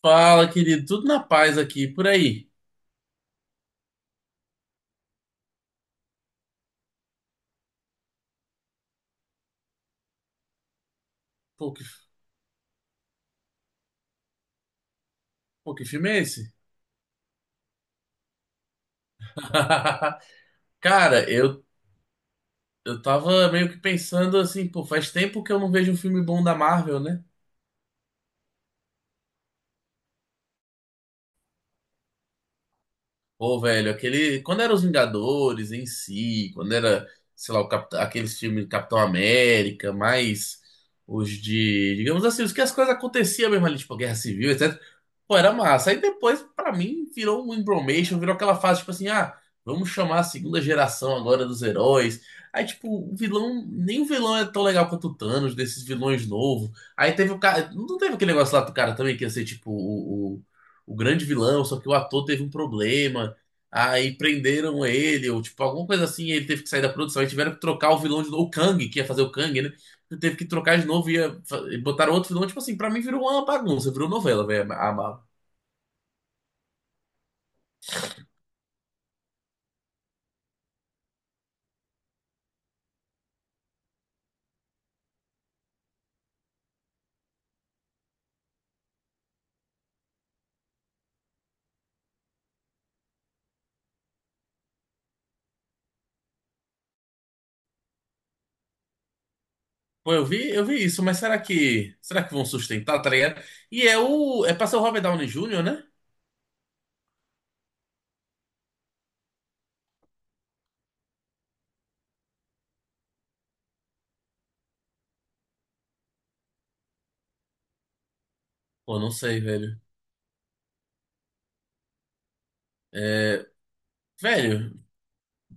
Fala, querido, tudo na paz aqui, por aí. Pô, que, pô, que filme é esse? Cara, eu tava meio que pensando assim, pô, faz tempo que eu não vejo um filme bom da Marvel, né? Pô, velho, aquele. Quando era Os Vingadores em si, quando era, sei lá, aqueles filmes do Capitão América, mais os de. Digamos assim, os que as coisas aconteciam mesmo ali, tipo Guerra Civil, etc. Pô, era massa. Aí depois, pra mim, virou um embromation, virou aquela fase, tipo assim, ah, vamos chamar a segunda geração agora dos heróis. Aí, tipo, o vilão. Nem o vilão é tão legal quanto o Thanos, desses vilões novos. Aí teve o cara. Não teve aquele negócio lá do cara também que ia ser, tipo, o grande vilão, só que o ator teve um problema. Aí prenderam ele, ou tipo, alguma coisa assim, ele teve que sair da produção. Aí tiveram que trocar o vilão de novo, o Kang, que ia fazer o Kang, né? Ele teve que trocar de novo e botaram outro vilão. Tipo assim, pra mim virou uma bagunça, virou novela, velho, a Marvel. Pô, eu vi isso, mas será que vão sustentar, tá ligado? É pra ser o Robert Downey Jr., né? Pô, não sei, velho. É, velho,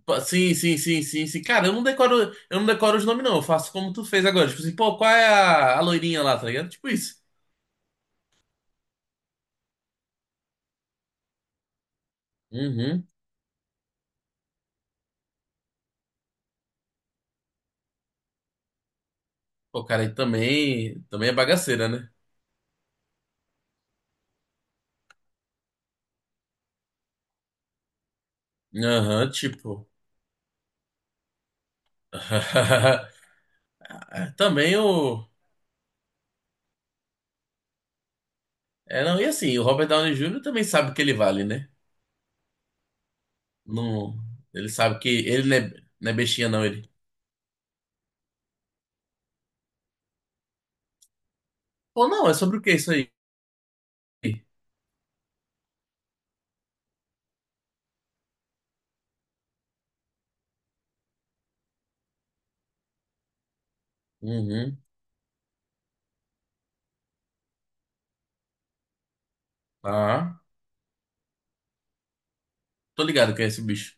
pô, sim, sim, sim, sim, sim. Cara, eu não decoro os nomes, não. Eu faço como tu fez agora. Tipo assim, pô, qual é a loirinha lá, tá ligado? Tipo isso. Uhum. O cara aí também é bagaceira, né? Aham, tipo. É, também o. É, não, e assim, o Robert Downey Jr. também sabe o que ele vale, né? Não, ele sabe que ele não é bestinha, não, ele. Pô, não, é sobre o que isso aí? Uhum. Ah, tô ligado quem é esse bicho.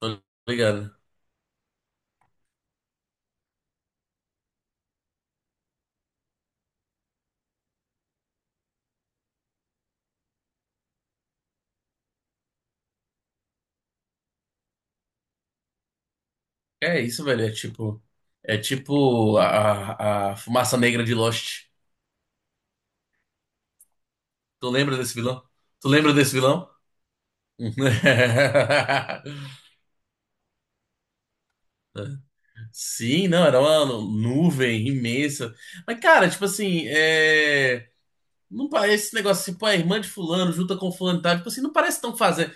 Tô ligado. É isso, velho. É tipo. É tipo a fumaça negra de Lost. Tu lembra desse vilão? Tu lembra desse vilão? Sim, não, era uma nuvem imensa. Mas, cara, tipo assim, é... não parece esse negócio tipo, a irmã de fulano junta com fulano e tal. Tipo assim, não parece tão fazer.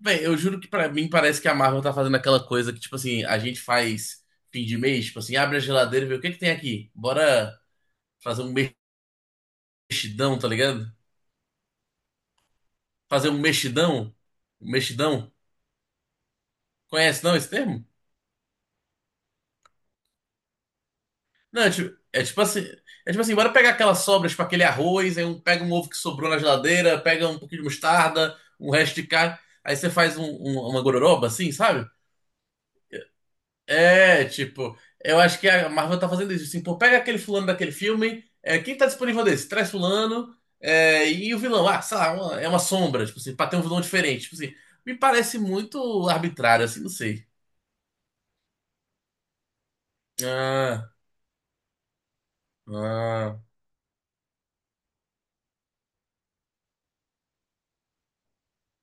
Véi, eu juro que pra mim parece que a Marvel tá fazendo aquela coisa que, tipo assim, a gente faz fim de mês, tipo assim, abre a geladeira e vê o que que tem aqui. Bora fazer um mexidão, tá ligado? Fazer um mexidão? Um mexidão? Conhece não esse termo? Não, é tipo assim. É tipo assim, bora pegar aquelas sobras, tipo aquele arroz, aí pega um ovo que sobrou na geladeira, pega um pouquinho de mostarda, um resto de carne, aí você faz uma gororoba assim, sabe? É, tipo, eu acho que a Marvel tá fazendo isso, assim, pô, pega aquele fulano daquele filme, é, quem tá disponível desse? Traz fulano, é, e o vilão, ah, sei lá, é uma sombra, tipo assim, pra ter um vilão diferente, tipo assim, me parece muito arbitrário, assim, não sei. Ah, ah.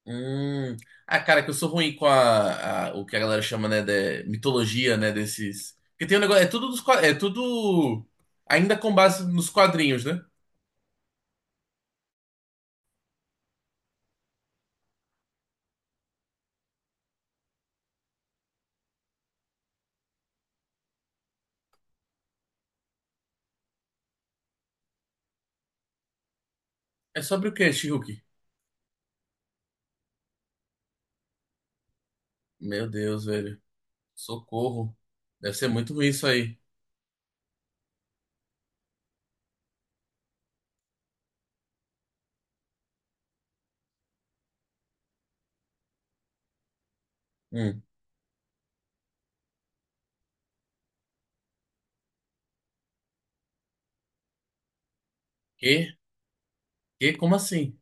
Hum. Ah, cara, que eu sou ruim com o que a galera chama, né, de mitologia, né, desses. Porque tem um negócio, é tudo dos, é tudo ainda com base nos quadrinhos, né? É sobre o quê, Shihuki? Meu Deus, velho. Socorro. Deve ser muito ruim isso aí. Hum. Quê? Quê? Como assim?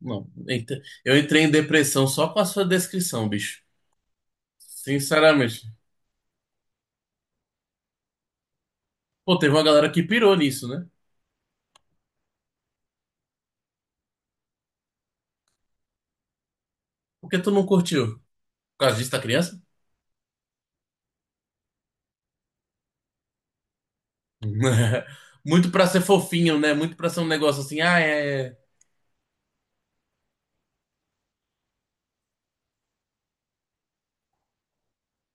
Não. Eita. Eu entrei em depressão só com a sua descrição, bicho. Sinceramente. Pô, teve uma galera que pirou nisso, né? Por que tu não curtiu? Por causa disso da criança? Muito pra ser fofinho, né? Muito pra ser um negócio assim, ah, é. É.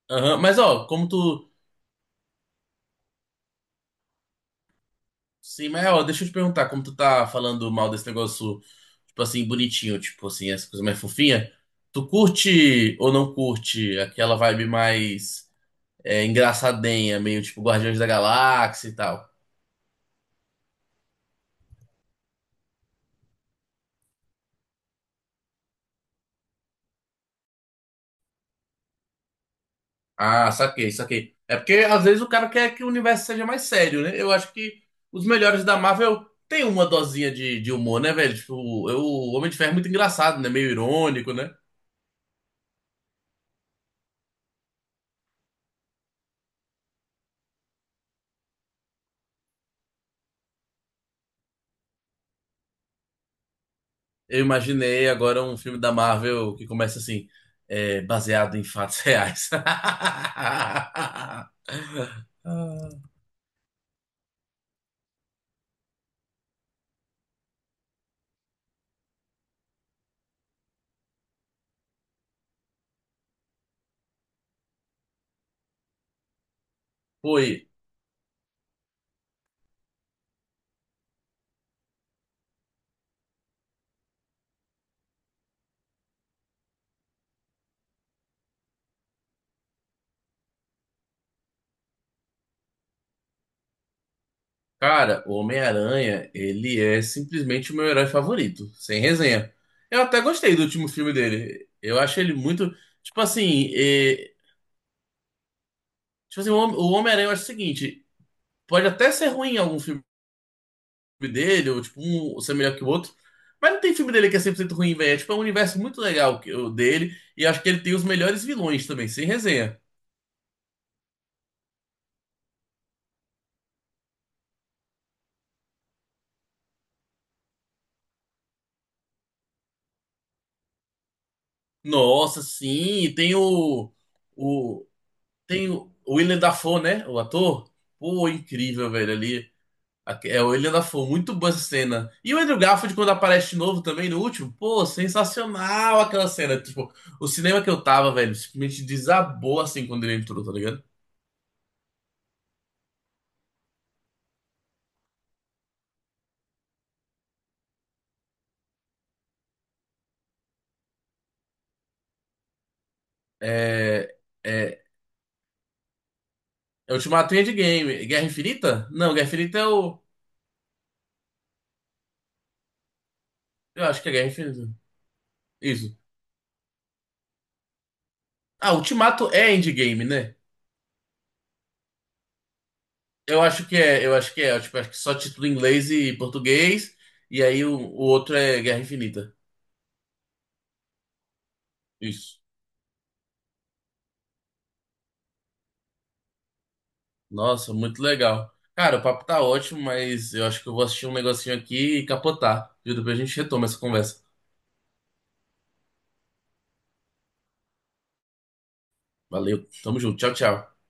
Aham. Mas ó, como tu. Sim, mas ó, deixa eu te perguntar, como tu tá falando mal desse negócio, tipo assim, bonitinho, tipo assim, essa coisa mais fofinha, tu curte ou não curte aquela vibe mais é, engraçadinha, meio tipo Guardiões da Galáxia e tal? Ah, saquei, saquei. É porque às vezes o cara quer que o universo seja mais sério, né? Eu acho que os melhores da Marvel têm uma dosinha de, humor, né, velho? Tipo, o Homem de Ferro é muito engraçado, né? Meio irônico, né? Eu imaginei agora um filme da Marvel que começa assim, é, baseado em fatos reais. Foi. Cara, o Homem-Aranha, ele é simplesmente o meu herói favorito, sem resenha. Eu até gostei do último filme dele. Eu acho ele muito. Tipo assim, é, tipo assim, o Homem-Aranha, eu acho o seguinte: pode até ser ruim algum filme dele, ou tipo, um ser melhor que o outro, mas não tem filme dele que é 100% ruim, velho. É tipo, é um universo muito legal o dele, e acho que ele tem os melhores vilões também, sem resenha. Nossa, sim, e tem o o Willem Dafoe, né? O ator. Pô, incrível, velho, ali. É, ele ainda foi muito boa essa cena. E o Andrew Garfield, quando aparece de novo também no último, pô, sensacional aquela cena. Tipo, o cinema que eu tava, velho, simplesmente desabou assim quando ele entrou, tá ligado? É. É. É Ultimato e Endgame. Guerra Infinita? Não, Guerra Infinita é o. Eu acho que é Guerra Infinita. Isso. Ah, Ultimato é Endgame, né? Eu acho que é, eu acho que é. Eu, tipo, acho que só título em inglês e português. E aí o outro é Guerra Infinita. Isso. Nossa, muito legal. Cara, o papo tá ótimo, mas eu acho que eu vou assistir um negocinho aqui e capotar, viu? Depois a gente retoma essa conversa. Valeu, tamo junto, tchau, tchau.